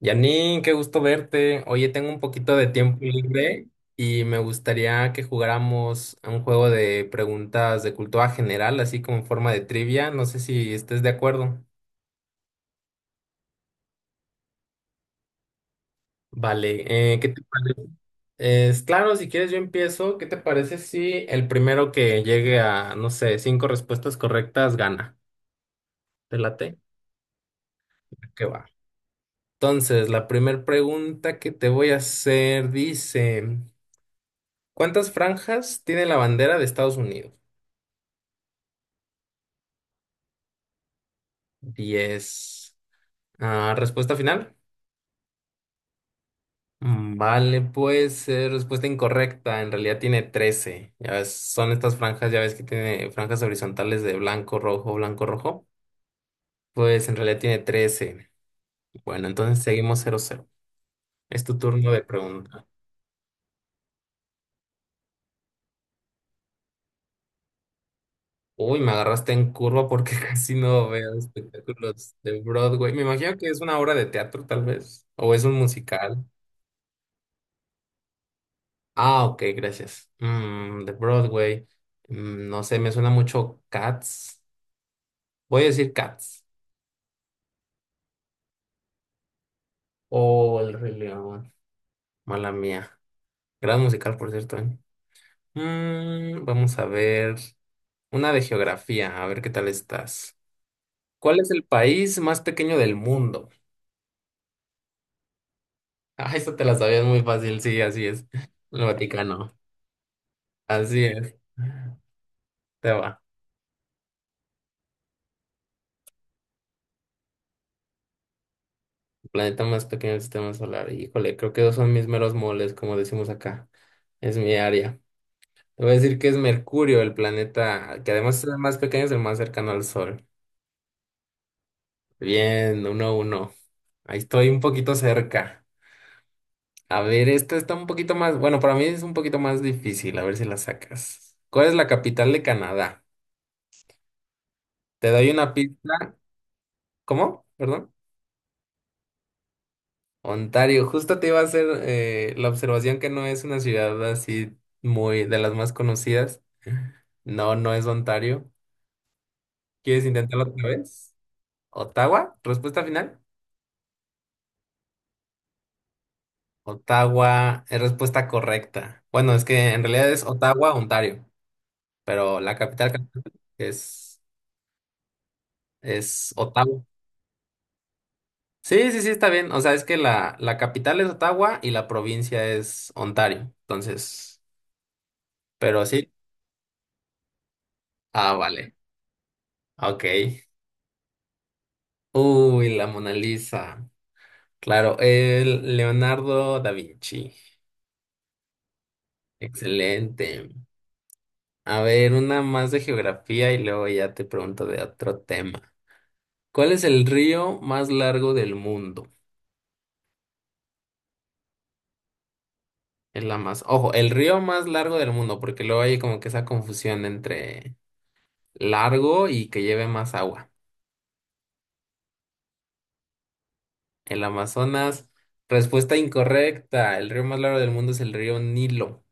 Janine, qué gusto verte. Oye, tengo un poquito de tiempo libre y me gustaría que jugáramos a un juego de preguntas de cultura general, así como en forma de trivia. No sé si estés de acuerdo. Vale, ¿qué te parece? Es claro, si quieres yo empiezo. ¿Qué te parece si el primero que llegue a, no sé, cinco respuestas correctas gana? ¿Te late? ¿Qué va? Entonces, la primera pregunta que te voy a hacer dice, ¿cuántas franjas tiene la bandera de Estados Unidos? Diez. Ah, respuesta final. Mm, vale, pues respuesta incorrecta. En realidad tiene 13. Ya ves, son estas franjas, ya ves que tiene franjas horizontales de blanco, rojo, blanco, rojo. Pues en realidad tiene 13. Bueno, entonces seguimos 0-0. Es tu turno de pregunta. Uy, me agarraste en curva porque casi no veo espectáculos de Broadway. Me imagino que es una obra de teatro, tal vez. O es un musical. Ah, ok, gracias. De Broadway. No sé, me suena mucho Cats. Voy a decir Cats. Oh, El Rey León. Mala mía. Gran musical, por cierto, ¿eh? Vamos a ver. Una de geografía, a ver qué tal estás. ¿Cuál es el país más pequeño del mundo? Ah, eso te la sabías muy fácil, sí, así es. El Vaticano. Así es. Te va. El planeta más pequeño del sistema solar. Híjole, creo que dos son mis meros moles, como decimos acá. Es mi área. Te voy a decir que es Mercurio, el planeta que además es el más pequeño, es el más cercano al Sol. Bien, 1-1. Ahí estoy un poquito cerca. A ver, esta está un poquito más, bueno, para mí es un poquito más difícil, a ver si la sacas. ¿Cuál es la capital de Canadá? Te doy una pista. ¿Cómo? Perdón. Ontario. Justo te iba a hacer la observación que no es una ciudad así muy de las más conocidas. No, no es Ontario. ¿Quieres intentarlo otra vez? ¿Ottawa? ¿Respuesta final? Ottawa es respuesta correcta. Bueno, es que en realidad es Ottawa, Ontario, pero la capital es, es Ottawa. Sí, sí, sí, está bien. O sea, es que la capital es Ottawa y la provincia es Ontario. Entonces, pero sí. Ah, vale. Ok. Uy, la Mona Lisa. Claro, el Leonardo da Vinci. Excelente. A ver, una más de geografía y luego ya te pregunto de otro tema. ¿Cuál es el río más largo del mundo? Es la más, ojo, el río más largo del mundo, porque luego hay como que esa confusión entre largo y que lleve más agua. El Amazonas, respuesta incorrecta. El río más largo del mundo es el río Nilo.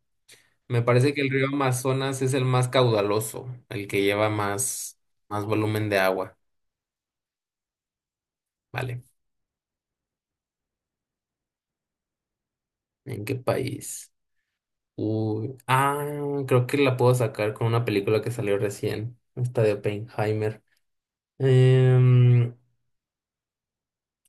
Me parece que el río Amazonas es el más caudaloso, el que lleva más volumen de agua. Vale. ¿En qué país? Uy, ah, creo que la puedo sacar con una película que salió recién, esta de Oppenheimer. Em,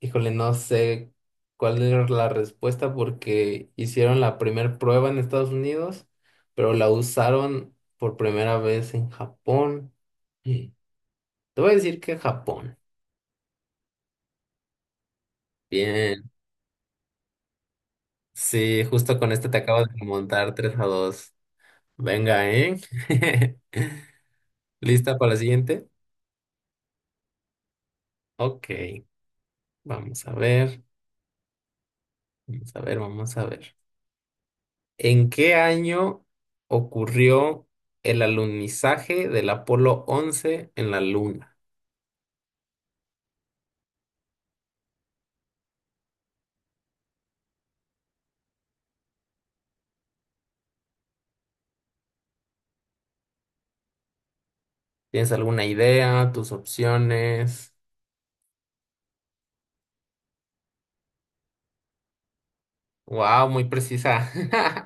híjole, no sé cuál era la respuesta porque hicieron la primera prueba en Estados Unidos, pero la usaron por primera vez en Japón. Mm. Te voy a decir que Japón. Bien, sí, justo con este te acabo de montar 3-2. Venga, ¿eh? ¿Lista para la siguiente? Ok, vamos a ver, vamos a ver, vamos a ver. ¿En qué año ocurrió el alunizaje del Apolo 11 en la Luna? ¿Tienes alguna idea? ¿Tus opciones? Wow, muy precisa.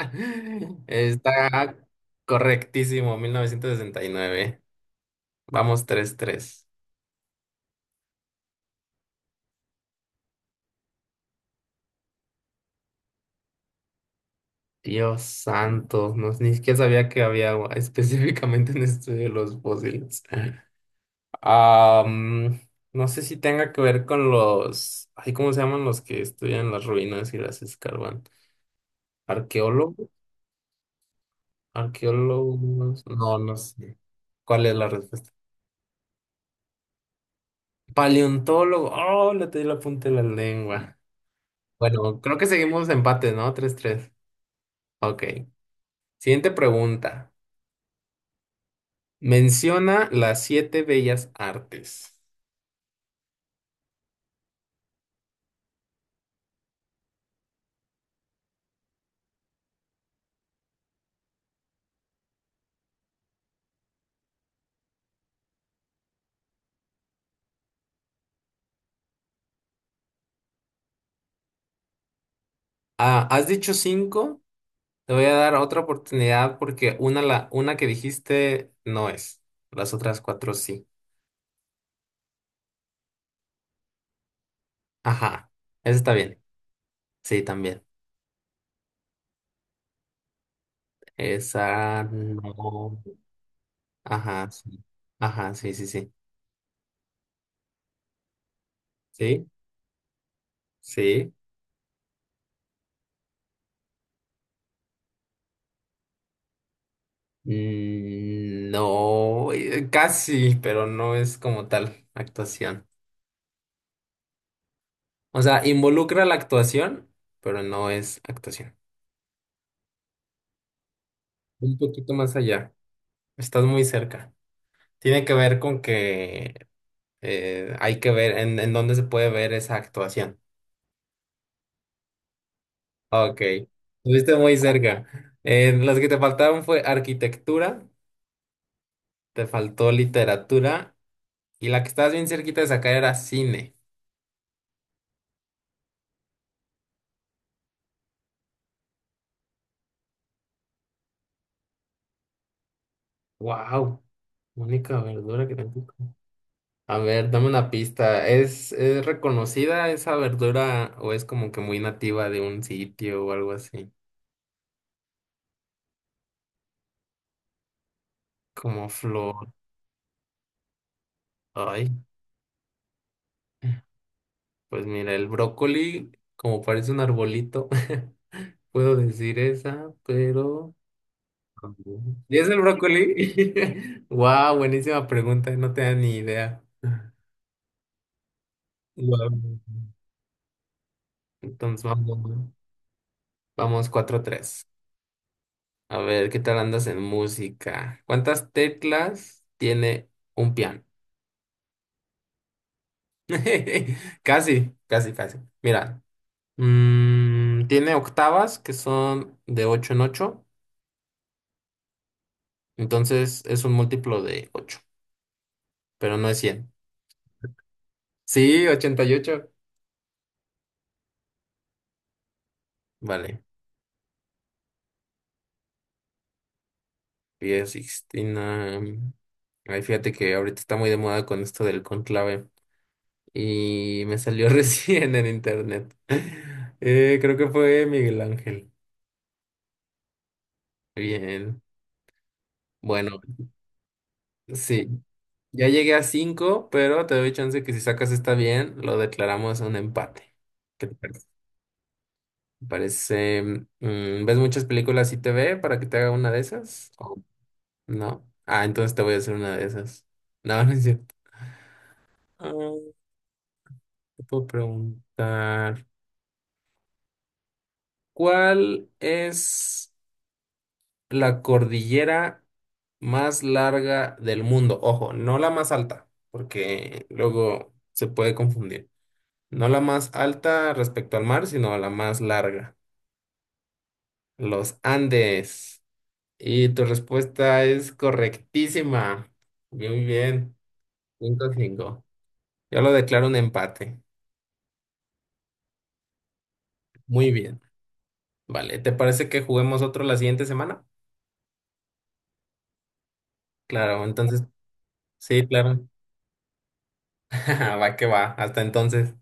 Está correctísimo, 1969. Vamos 3-3. Dios santo, no, ni siquiera sabía que había agua específicamente en estudio de los fósiles. Am, no sé si tenga que ver con los, ay, ¿cómo se llaman los que estudian las ruinas y las escarban? ¿Arqueólogos? ¿Arqueólogos? No, no sé. ¿Cuál es la respuesta? Paleontólogo. Oh, le di la punta de la lengua. Bueno, creo que seguimos empate, no, 3-3. Ok. Siguiente pregunta. Menciona las siete bellas artes. Ah, has dicho cinco. Te voy a dar otra oportunidad porque una, la, una que dijiste no es. Las otras cuatro sí. Ajá. Esa está bien. Sí, también. Esa no. Ajá, sí. Ajá, sí, sí, sí. Sí, sí. No, casi, pero no es como tal actuación. O sea, involucra la actuación, pero no es actuación. Un poquito más allá. Estás muy cerca. Tiene que ver con que, hay que ver en dónde se puede ver esa actuación. Ok, estuviste muy cerca. Las que te faltaron fue arquitectura, te faltó literatura y la que estabas bien cerquita de sacar era cine. Wow, única verdura que tengo. A ver, dame una pista. ¿Es reconocida esa verdura o es como que muy nativa de un sitio o algo así? Como flor. Ay, pues mira, el brócoli, como parece un arbolito. Puedo decir esa, pero... ¿Y es el brócoli? Wow, buenísima pregunta, no tenía ni idea. Guau. Entonces vamos 4-3. A ver, ¿qué tal andas en música? ¿Cuántas teclas tiene un piano? Casi, casi, casi. Mira, tiene octavas que son de 8 en ocho, entonces es un múltiplo de ocho, pero no es 100. Sí, 88. Vale. Capilla Sixtina. Ay, fíjate que ahorita está muy de moda con esto del conclave. Y me salió recién en internet. Creo que fue Miguel Ángel. Bien. Bueno, sí. Ya llegué a cinco, pero te doy chance que si sacas esta bien, lo declaramos un empate. ¿Qué te parece? Parece, ¿ves muchas películas y TV para que te haga una de esas? ¿O no? Ah, entonces te voy a hacer una de esas. No, no es cierto. Te puedo preguntar, ¿cuál es la cordillera más larga del mundo? Ojo, no la más alta, porque luego se puede confundir. No la más alta respecto al mar, sino la más larga. Los Andes. Y tu respuesta es correctísima. Muy bien. 5-5. Yo lo declaro un empate. Muy bien. Vale, ¿te parece que juguemos otro la siguiente semana? Claro, entonces, sí, claro. Va que va, hasta entonces.